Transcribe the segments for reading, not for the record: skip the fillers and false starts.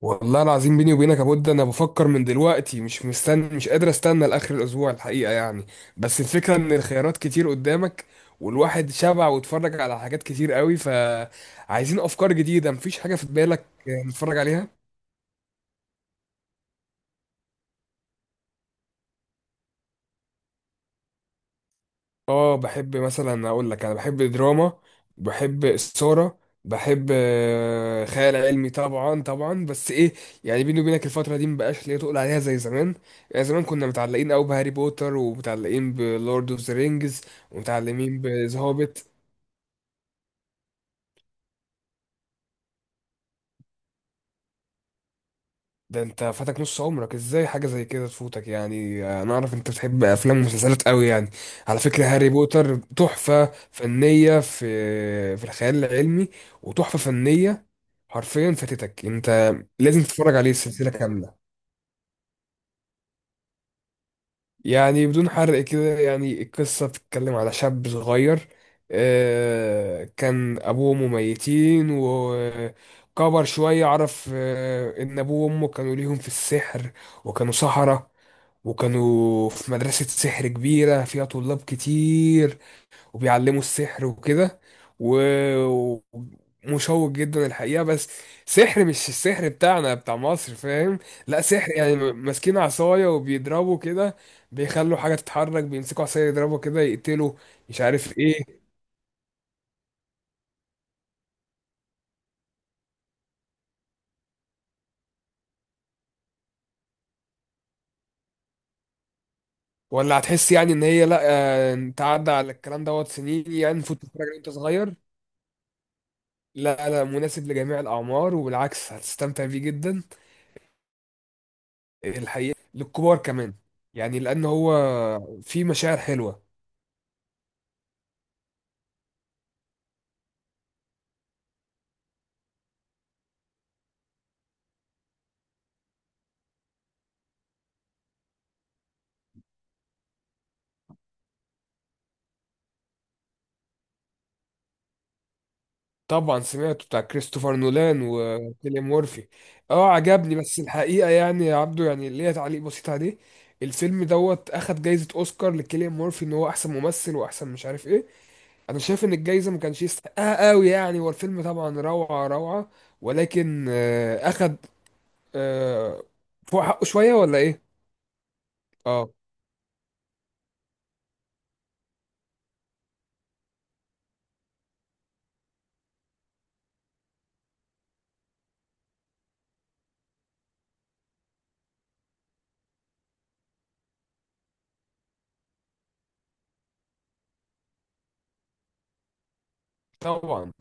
والله العظيم بيني وبينك يا بود، انا بفكر من دلوقتي، مش مستني، مش قادر استنى لاخر الاسبوع الحقيقه يعني. بس الفكره ان الخيارات كتير قدامك. والواحد شبع واتفرج على حاجات كتير قوي، فعايزين افكار جديده. مفيش حاجه في بالك نتفرج عليها؟ اه بحب مثلا. اقول لك، انا بحب دراما. بحب الصورة. بحب خيال علمي طبعا طبعا، بس ايه، يعني بيني وبينك الفترة دي مبقاش ليا تقول عليها زي زمان. يعني زمان كنا متعلقين قوي بهاري بوتر، ومتعلقين بلورد اوف ذا رينجز، ومتعلقين بذا هوبيت. ده انت فاتك نص عمرك! ازاي حاجة زي كده تفوتك يعني؟ انا اعرف انت بتحب افلام ومسلسلات قوي يعني. على فكرة، هاري بوتر تحفة فنية في الخيال العلمي. وتحفة فنية. حرفيا فاتتك انت. لازم تتفرج عليه السلسله كامله. يعني بدون حرق كده، يعني القصه بتتكلم على شاب صغير. كان ابوه مميتين وكبر شويه، عرف ان ابوه وامه كانوا ليهم في السحر. وكانوا سحره. وكانوا في مدرسه سحر كبيره فيها طلاب كتير، وبيعلموا السحر وكده. و- ومشوق جدا الحقيقة، بس سحر مش السحر بتاعنا بتاع مصر، فاهم؟ لا، سحر يعني ماسكين عصاية وبيضربوا كده. بيخلوا حاجة تتحرك، بيمسكوا عصاية، يضربوا كده، يقتلوا. مش عارف ايه. ولا هتحس يعني ان هي لا. انت عدى على الكلام دوت سنين يعني، فوت تتفرج عليه وانت صغير. لا، لا، مناسب لجميع الأعمار، وبالعكس هتستمتع بيه جدا. الحقيقة للكبار كمان. يعني لأن هو فيه مشاعر حلوة. طبعا سمعته، بتاع كريستوفر نولان وكيليان مورفي. اه عجبني، بس الحقيقه يعني يا عبدو، يعني ليا تعليق بسيط عليه. الفيلم دوت اخد جايزه اوسكار لكيليان مورفي ان هو احسن ممثل واحسن مش عارف ايه. انا شايف ان الجايزه ما كانش يستحقها قوي يعني. هو الفيلم طبعا روعه روعه، ولكن اخد آه، فوق حقه شويه، ولا ايه؟ اه طبعا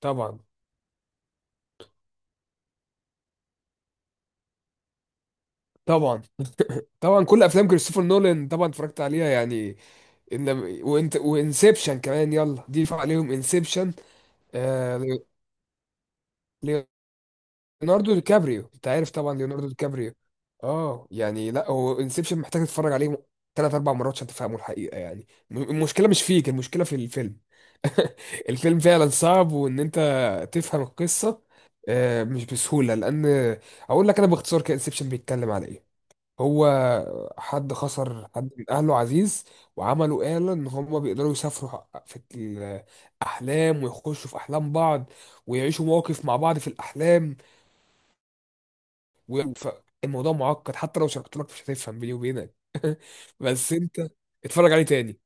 طبعا طبعا طبعا، كل افلام كريستوفر نولان طبعا اتفرجت عليها يعني. إن. وانسبشن كمان، يلا ضيف عليهم انسبشن. آه... لي- ليوناردو دي كابريو، انت عارف طبعا ليوناردو دي كابريو. اه يعني، لا هو انسبشن محتاج تتفرج عليه ثلاث اربع مرات عشان تفهمه الحقيقه يعني. المشكله مش فيك، المشكله في الفيلم. الفيلم فعلا صعب، وان انت تفهم القصه مش بسهوله، لان اقول لك انا باختصار كده انسبشن بيتكلم على ايه. هو حد خسر حد من اهله عزيز، وعملوا آلة ان هم بيقدروا يسافروا في الاحلام، ويخشوا في احلام بعض، ويعيشوا مواقف مع بعض في الاحلام. الموضوع معقد، حتى لو شرحت لك مش هتفهم بيني وبينك. بس انت اتفرج عليه تاني.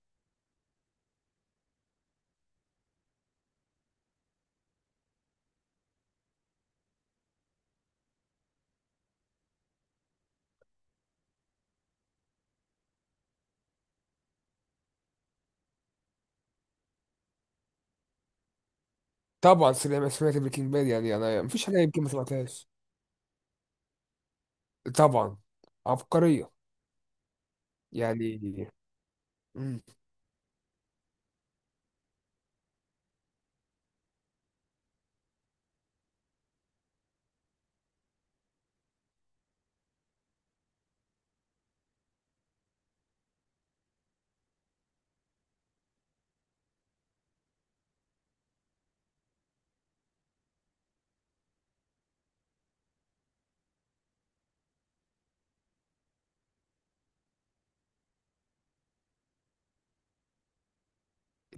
طبعا سمعت بريكنج باد، يعني انا مفيش حاجه يمكن ما سمعتهاش. طبعا. عبقريه. يعني، مم.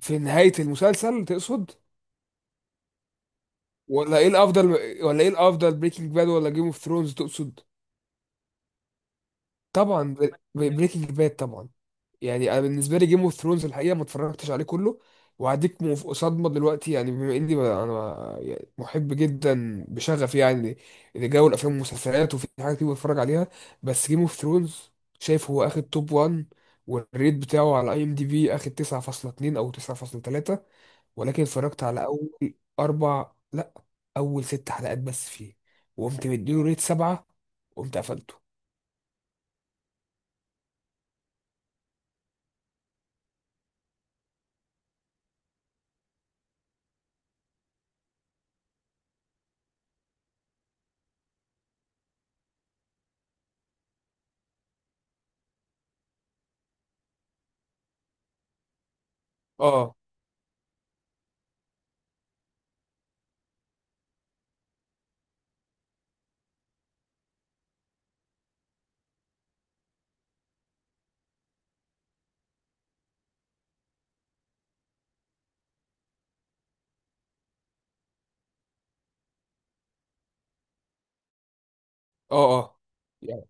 في نهايه المسلسل تقصد؟ ولا ايه الافضل؟ ولا ايه الافضل، بريكنج باد ولا جيم اوف ثرونز، تقصد؟ طبعا. بريكنج باد طبعا. يعني انا بالنسبه لي جيم اوف ثرونز الحقيقه ما اتفرجتش عليه كله، وهديك صدمه دلوقتي، يعني بما اني انا يعني محب جدا بشغف يعني لجو الافلام والمسلسلات، وفي حاجات كتير بتفرج عليها. بس جيم اوف ثرونز، شايف هو اخد توب 1، والريت بتاعه على IMDB اخد 9.2 او 9.3، ولكن اتفرجت على اول اربع، لا اول 6 حلقات بس فيه، وقمت مديله ريت 7، وقمت قفلته. اه اه اه، يعني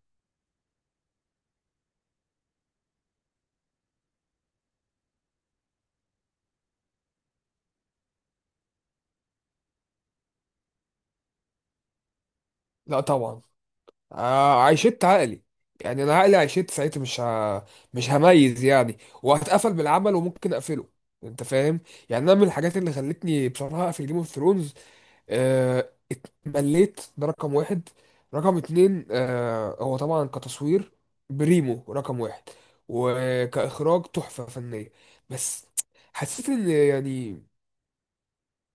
لا طبعا. عيشت عقلي. يعني انا عقلي عيشت ساعتها، مش هميز يعني، وهتقفل بالعمل وممكن اقفله، انت فاهم. يعني انا من الحاجات اللي خلتني بصراحه اقفل جيم اوف ثرونز، اتمليت. ده رقم واحد. رقم اتنين، هو طبعا كتصوير بريمو رقم واحد، وكاخراج تحفه فنيه. بس حسيت ان يعني،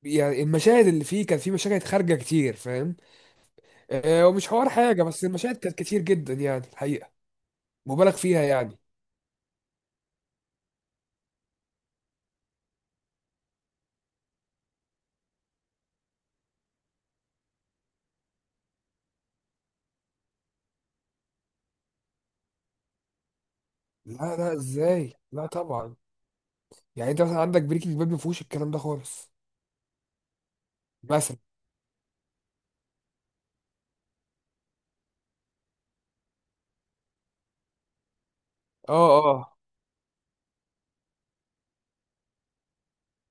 يعني المشاهد اللي فيه كان فيه مشاهد خارجه كتير، فاهم؟ ومش حوار حاجة، بس المشاهد كانت كتير جدا يعني الحقيقة، مبالغ فيها يعني. لا، لا، ازاي؟ لا طبعا. يعني انت مثلا عندك بريكنج باد ما فيهوش الكلام ده خالص. مثلا. اه اه،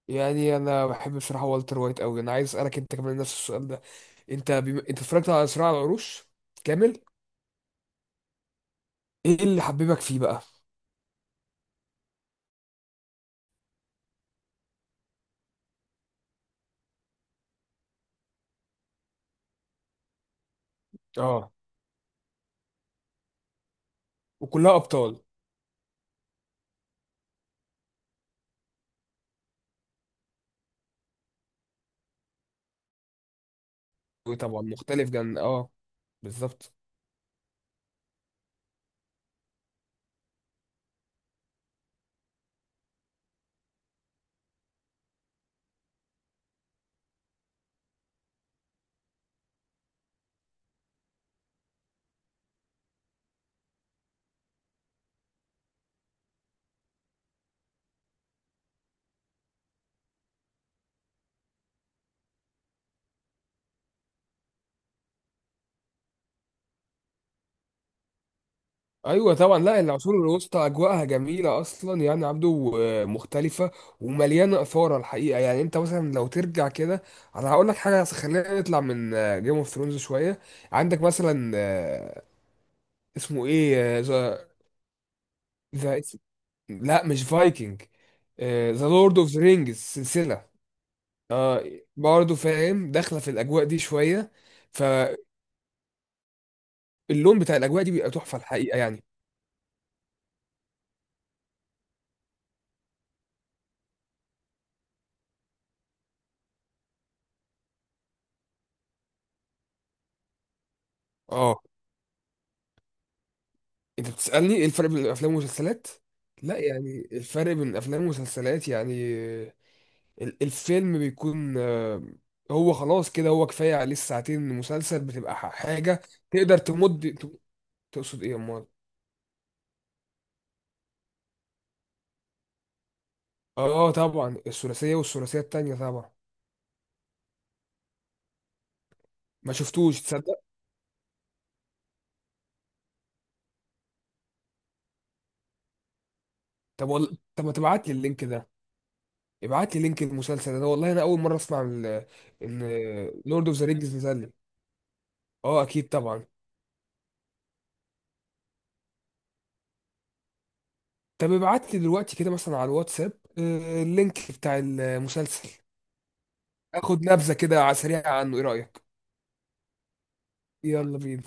يعني انا بحب بصراحة والتر وايت قوي. انا عايز اسألك انت كمان نفس السؤال ده. انت اتفرجت على صراع العروش كامل؟ ايه اللي حببك فيه بقى؟ اه، وكلها ابطال. طبعا مختلف جدا، اه. بالظبط. ايوه طبعا، لا العصور الوسطى اجواءها جميله اصلا يعني عبده، مختلفه. ومليانه اثاره الحقيقه يعني. انت مثلا لو ترجع كده، انا هقول لك حاجه، بس خلينا نطلع من جيم اوف ثرونز شويه. عندك مثلا، اسمه ايه، ذا، ذا، لا مش فايكنج، ذا لورد اوف ذا رينجز سلسله. آه برضه فاهم، داخله في الاجواء دي شويه، فاللون بتاع الاجواء دي بيبقى تحفه الحقيقه يعني. اه، انت بتسألني ايه الفرق بين الافلام والمسلسلات؟ لا يعني الفرق بين الافلام والمسلسلات يعني، الفيلم بيكون هو خلاص كده، هو كفاية عليه الساعتين. المسلسل بتبقى حاجة تقدر تمد تقصد ايه يا امال؟ اه طبعا، الثلاثية والثلاثية التانية طبعا. ما شفتوش، تصدق. طب والله، طب ما تبعت لي اللينك ده، ابعت لي لينك المسلسل ده والله، انا اول مرة اسمع ان لورد اوف ذا رينجز نزل لي. اه اكيد طبعا. طب ابعت لي دلوقتي كده مثلا على الواتساب، اللينك بتاع المسلسل. اخد نبذة كده على سريعة عنه، ايه رأيك؟ يلا بينا.